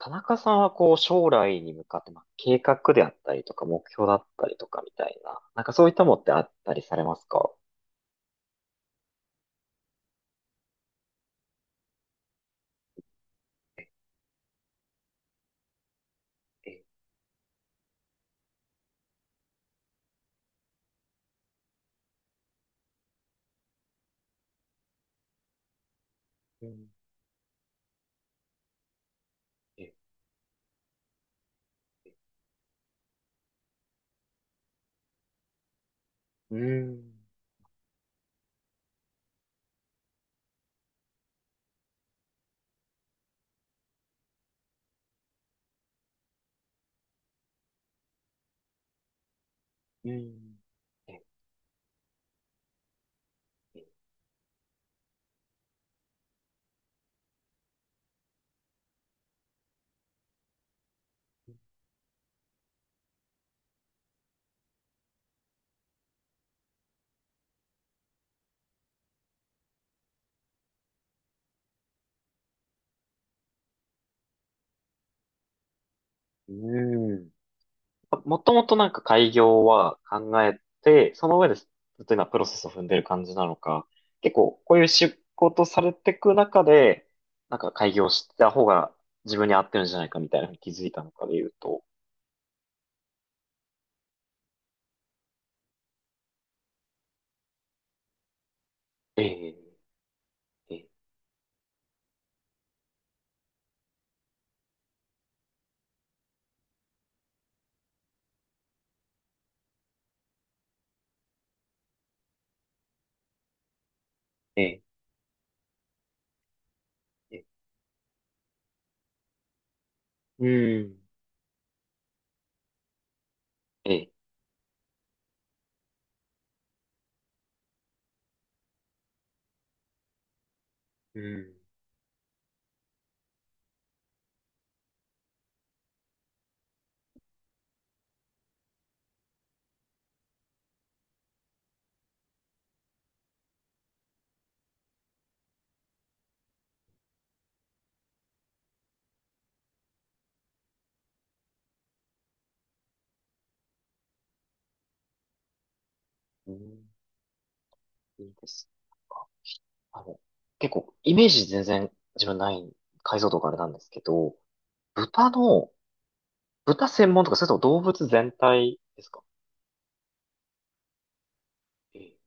田中さんはこう将来に向かって、まあ、計画であったりとか目標だったりとかみたいな、なんかそういったものってあったりされますか？え、え。うん、え、うん、うん、え、うん。あ、もともとなんか開業は考えて、その上でずっと今プロセスを踏んでる感じなのか、結構こういう仕事されていく中で、なんか開業した方が自分に合ってるんじゃないかみたいなのに気づいたのかで言うと？ええ、え、え、え、え、うん。ええ。うん、うん、いいですか。あの、結構、イメージ全然自分ない、解像度があれなんですけど、豚の、豚専門とか、それとも動物全体ですか？ええ。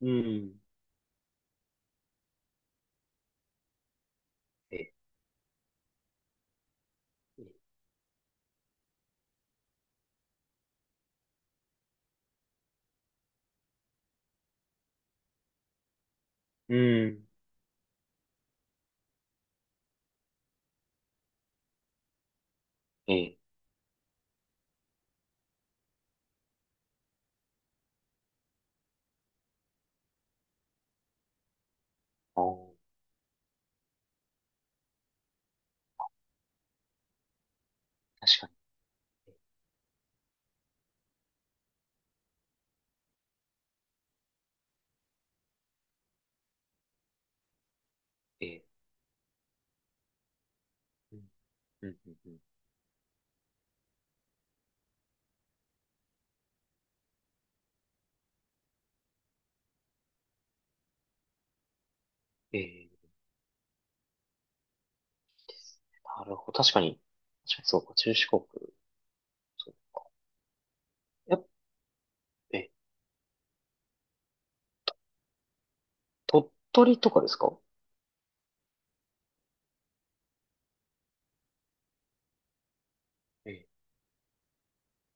うん。え、ええ。うん。ええ、ああ、確かに、ええ、うん。うん。うん。うん。ええ、いいですね。なるほど、確かに、確かにそうか、中四国、そう。やっ、ええ、鳥取とかですか？ええ、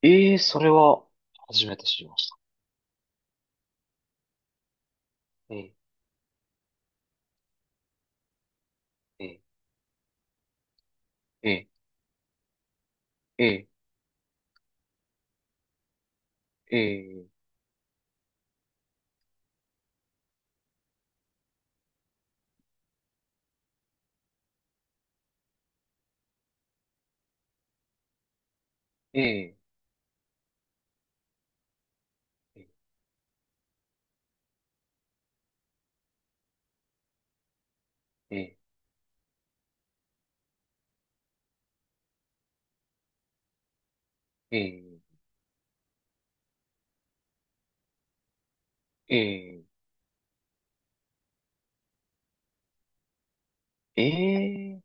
ええ、それは、初めて知りました。ええ、え、え、え、え、え、え、え、え、え、え、え、え、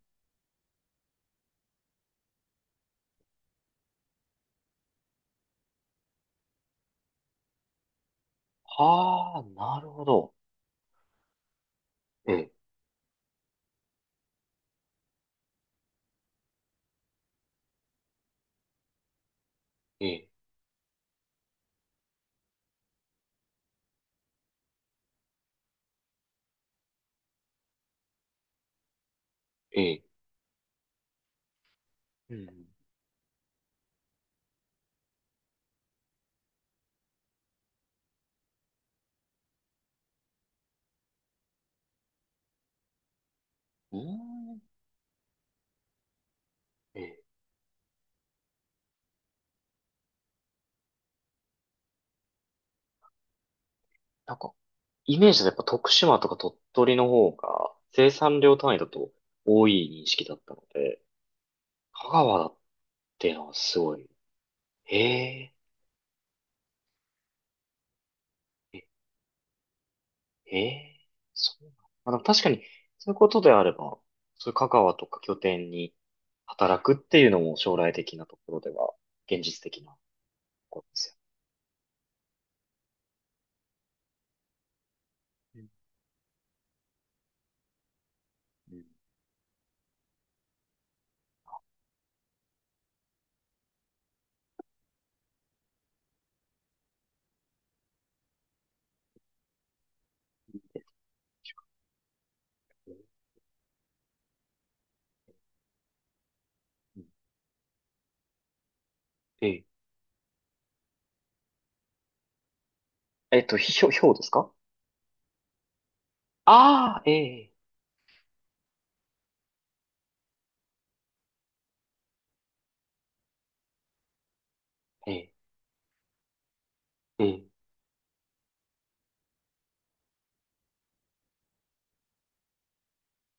はあ、なるほど。え、え、え、うん、うん、え、なんか、イメージだとやっぱ徳島とか鳥取の方が生産量単位だと多い認識だったので、香川だっていうのはすごい。ええ、ええー、そうなん。まあ、でも確かに、そういうことであれば、そういう香川とか拠点に働くっていうのも将来的なところでは、現実的なことですよ。うん、うん、うん、ええ、ひょうですか？ああ、ええ、ええ、ええ、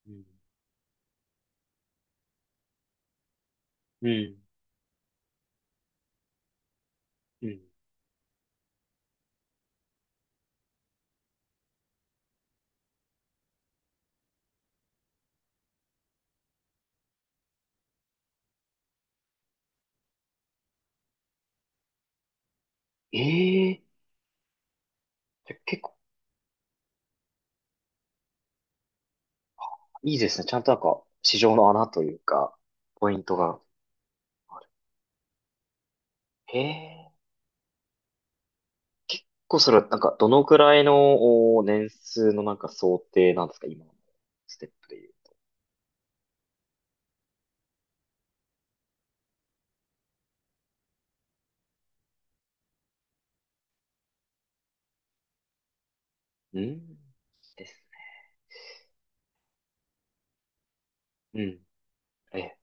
うん、うん、うん、うん。ええ、じゃ結構いいですね。ちゃんとなんか、市場の穴というか、ポイントがある。へえ。結構それはなんかどのくらいのお年数のなんか想定なんですか今のステップで言う。うん。ですね。うん。ええ。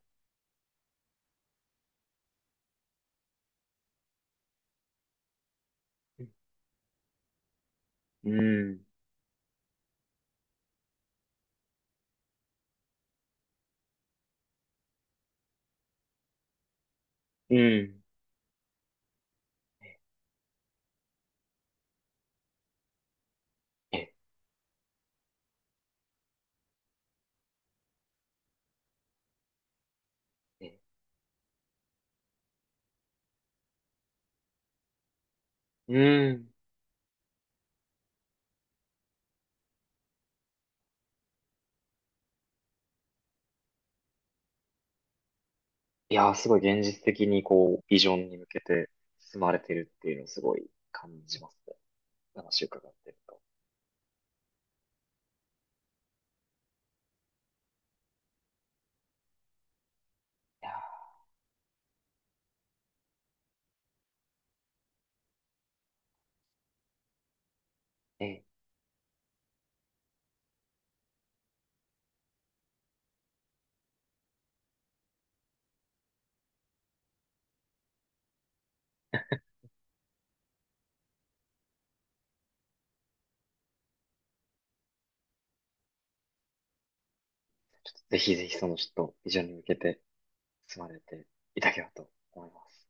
うん。うん。ええ。ええ。うん。いやー、すごい現実的にこう、ビジョンに向けて進まれてるっていうのをすごい感じますね。話を伺ってると。いやー、ええ。ぜひぜひそのちょっとビジョンに向けて進まれていただければと思います。